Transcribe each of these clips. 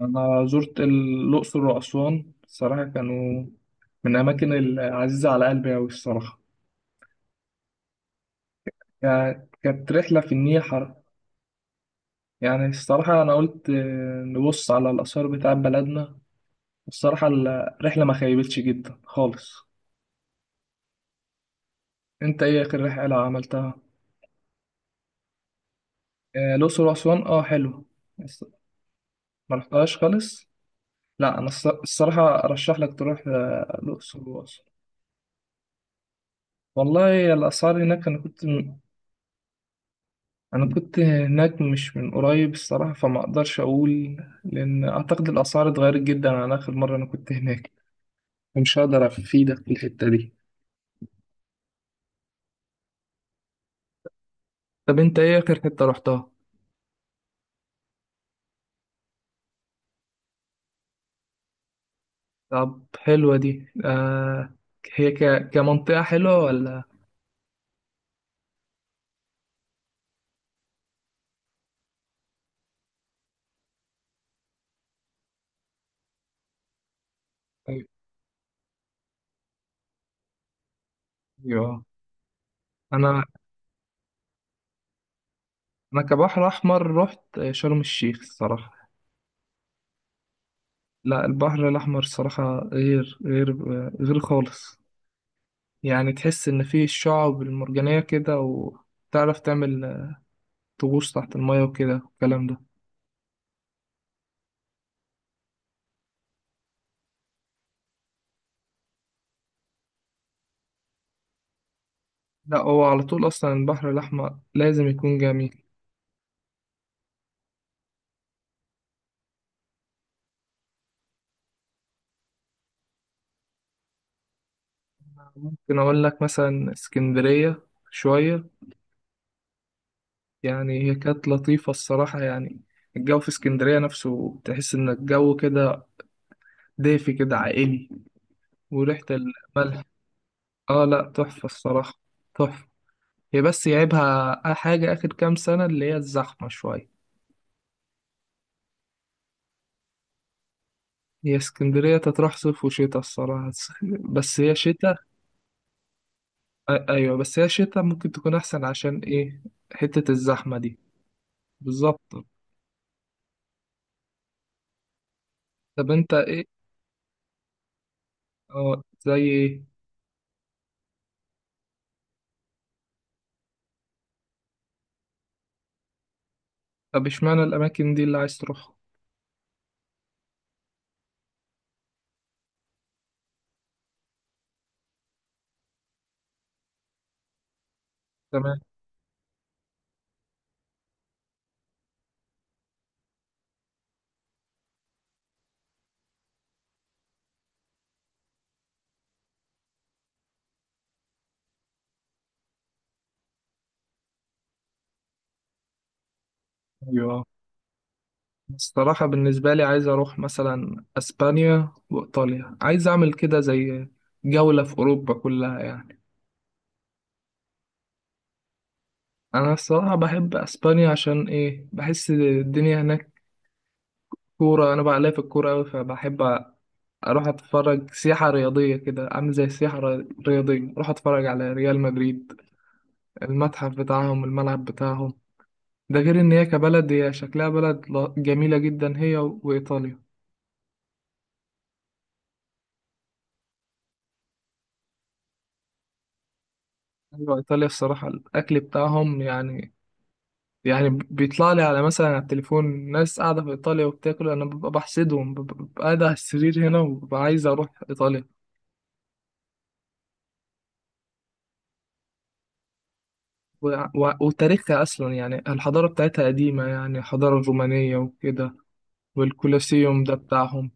أنا زرت الأقصر وأسوان الصراحة كانوا من الأماكن العزيزة على قلبي أوي الصراحة، يعني كانت رحلة في النيل حر. يعني الصراحة أنا قلت آه، نبص على الآثار بتاع بلدنا، والصراحة الرحلة ما خيبتش جدا خالص. أنت إيه آخر رحلة عملتها؟ الأقصر وأسوان أه حلو. بس ما رحتهاش خالص؟ لا أنا الصراحة أرشح لك تروح، الأقصر وأسوان. والله الأسعار هناك أنا كنت، انا كنت هناك مش من قريب الصراحة فما اقدرش اقول، لان اعتقد الاسعار اتغيرت جدا عن اخر مرة انا كنت هناك، فمش هقدر افيدك في الحتة دي. طب انت ايه اخر حتة رحتها؟ طب حلوة دي آه. هي كمنطقة حلوة ولا؟ ايوه. انا انا كبحر احمر رحت شرم الشيخ الصراحة. لا البحر الاحمر الصراحة غير غير خالص. يعني تحس ان فيه الشعب المرجانية كده وتعرف تعمل، تغوص تحت المية وكده والكلام ده. لا هو على طول أصلا البحر الأحمر لازم يكون جميل. ممكن أقول لك مثلا اسكندرية شوية، يعني هي كانت لطيفة الصراحة، يعني الجو في اسكندرية نفسه تحس إن الجو كده دافي كده عائلي، وريحة الملح. آه لا تحفة الصراحة، تحفة. هي بس يعيبها حاجة آخر كام سنة اللي هي الزحمة شوية. هي اسكندرية تتراح صيف وشتاء الصراحة، بس هي شتاء. ايوه بس هي الشتا ممكن تكون احسن عشان ايه، حتة الزحمة دي. بالظبط. طب انت ايه. اه زي ايه. طب اشمعنى الاماكن دي اللي عايز تروحها؟ تمام. ايوه الصراحة بالنسبة لي عايز اروح مثلا اسبانيا وايطاليا، عايز اعمل كده زي جولة في اوروبا كلها يعني. انا الصراحة بحب اسبانيا عشان ايه، بحس الدنيا هناك كورة، انا بقى ليا في الكورة اوي فبحب اروح اتفرج سياحة رياضية كده، عامل زي السياحة الرياضية اروح اتفرج على ريال مدريد، المتحف بتاعهم الملعب بتاعهم. ده غير ان هي كبلد هي شكلها بلد جميلة جدا هي وايطاليا. ايوه ايطاليا الصراحة الاكل بتاعهم يعني، يعني بيطلع لي على مثلا على التليفون ناس قاعدة في ايطاليا وبتاكل، انا ببقى بحسدهم، ببقى قاعد على السرير هنا وببقى عايز اروح ايطاليا. و... وتاريخها اصلا يعني الحضارة بتاعتها قديمة، يعني الحضارة الرومانية وكده، والكولوسيوم ده بتاعهم.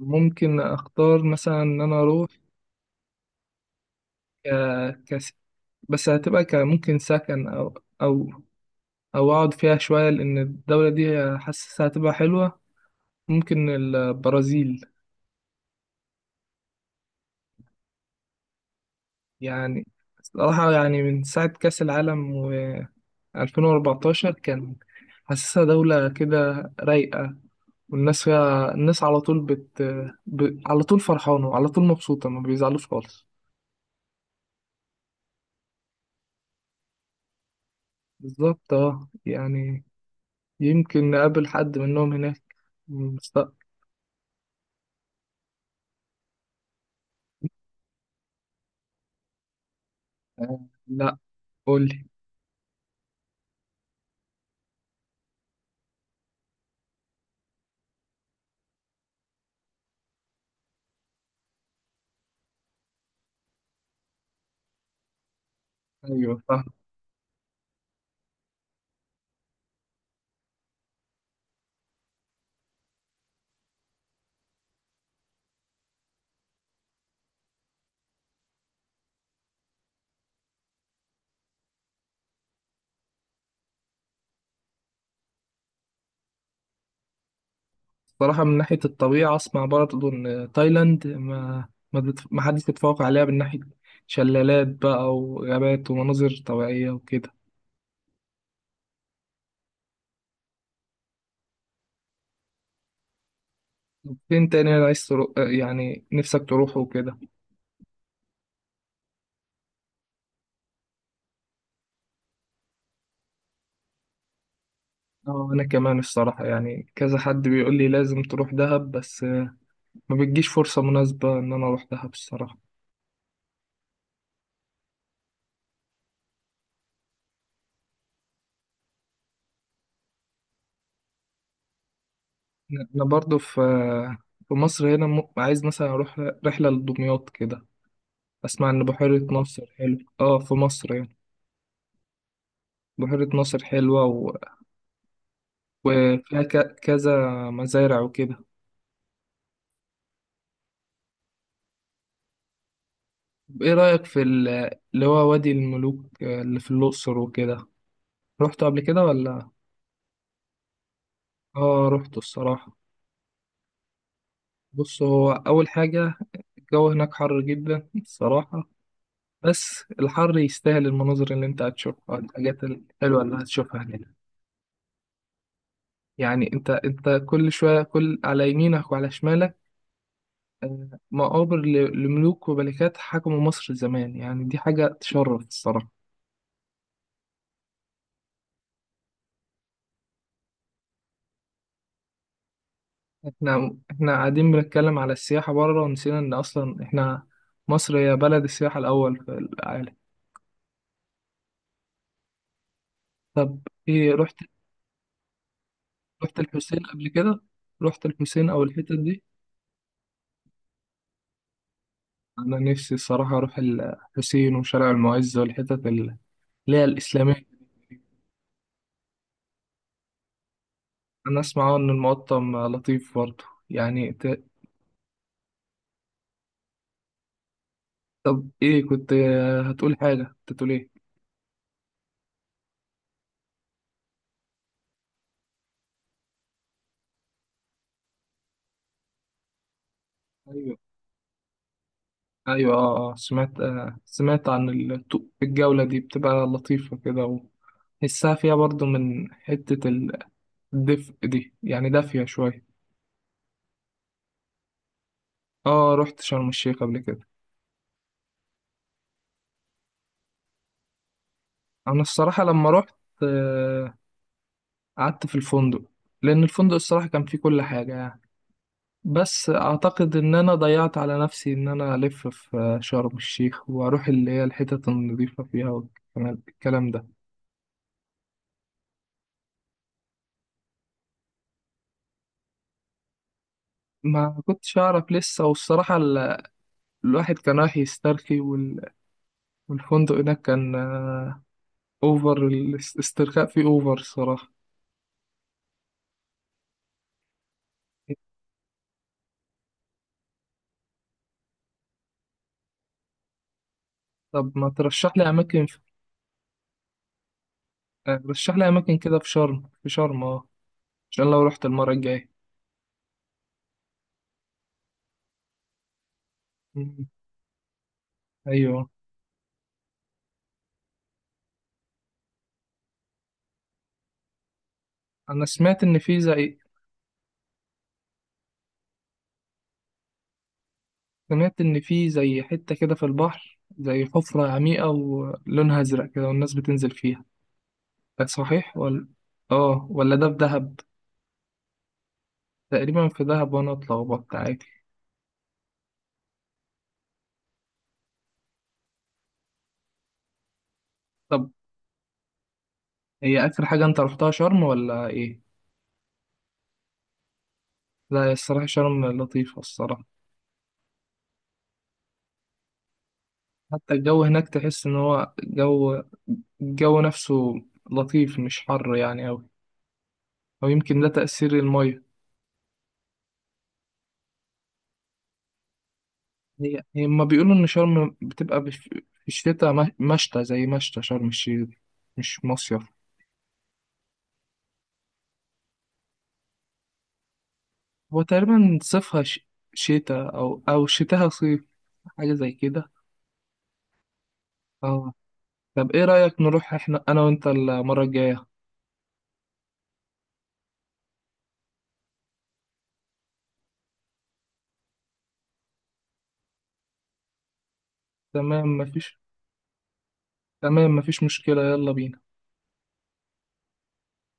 ممكن اختار مثلا ان انا اروح، ك... كس... بس هتبقى ممكن سكن او، او او اقعد فيها شويه لان الدوله دي حاسسها هتبقى حلوه. ممكن البرازيل. يعني صراحه يعني من ساعه كاس العالم و 2014 كان، حاسسها دوله كده رايقه، والناس فيها الناس على طول على طول فرحانه وعلى طول مبسوطه ما بيزعلوش خالص. بالظبط اه يعني يمكن نقابل حد منهم هناك في المستقبل. آه، لا قول لي. ايوه فاهم. صراحة من ناحية الطبيعة اسمع برضه ان تايلاند ما ما, ما حدش يتفوق عليها من ناحية شلالات بقى وغابات ومناظر طبيعية وكده. طب فين تاني أنا عايز ترو... آه، يعني نفسك تروحه وكده. اه انا كمان الصراحة يعني كذا حد بيقول لي لازم تروح دهب، بس ما بتجيش فرصة مناسبة ان انا اروح دهب الصراحة. انا برضو في، في مصر هنا عايز مثلا اروح رحله لدمياط كده. اسمع ان بحيره ناصر حلو اه في مصر يعني. بحيره ناصر حلوه وفيها كذا مزارع وكده. طب ايه رايك في اللي هو وادي الملوك، اللي في الاقصر وكده، رحت قبل كده ولا؟ اه رحت الصراحه. بص هو اول حاجه، الجو هناك حر جدا الصراحه، بس الحر يستاهل المناظر اللي انت هتشوفها، الحاجات الحلوه اللي هتشوفها هناك. يعني انت كل شويه كل على يمينك وعلى شمالك مقابر لملوك وملكات حكموا مصر زمان، يعني دي حاجه تشرف الصراحه. احنا قاعدين بنتكلم على السياحه بره، ونسينا ان اصلا احنا مصر هي بلد السياحه الاول في العالم. طب ايه رحت، رحت الحسين قبل كده؟ رحت الحسين او الحتت دي؟ انا نفسي الصراحه اروح الحسين وشارع المعز والحتت اللي هي الاسلاميه. انا اسمع ان المقطم لطيف برضه يعني. طب ايه كنت هتقول حاجة، كنت هتقول ايه؟ ايوه ايوه اه سمعت، سمعت عن الجولة دي بتبقى لطيفة كده، وحسها فيها برضو من حتة الدفء دي يعني دافية شوية. اه رحت شرم الشيخ قبل كده. انا الصراحة لما رحت، آه، قعدت في الفندق، لان الفندق الصراحة كان فيه كل حاجة يعني. بس اعتقد ان انا ضيعت على نفسي ان انا الف في، شرم الشيخ واروح اللي هي الحتت النظيفة فيها والكلام، الكلام ده. ما كنتش أعرف لسه، والصراحة الواحد كان رايح يسترخي، والفندق هناك كان، أوفر، الاسترخاء فيه أوفر الصراحة. طب ما ترشح لي أماكن في... آه، رشح لي أماكن كده في شرم في شرم أه، عشان لو رحت المرة الجاية. مم. أيوه. أنا سمعت إن في زي، سمعت إن في زي حتة كده في البحر زي حفرة عميقة ولونها أزرق كده والناس بتنزل فيها، ده صحيح ولا؟ آه ولا ده في دهب. تقريبا في دهب، وأنا أطلع وبط عادي. طب هي آخر حاجة أنت رحتها شرم ولا إيه؟ لا هي الصراحة شرم لطيفة الصراحة. حتى الجو هناك تحس إن هو جو، الجو نفسه لطيف مش حر يعني أوي، أو يمكن ده تأثير المية. هي هما بيقولوا إن شرم بتبقى في الشتاء مشتى، زي مشتى شرم الشيخ دي، مش مصيف. هو تقريبا صيفها شتاء أو شتاها صيف، حاجة زي كده. آه. طب إيه رأيك نروح إحنا أنا وأنت المرة الجاية؟ تمام مفيش تمام مفيش مشكلة، يلا بينا.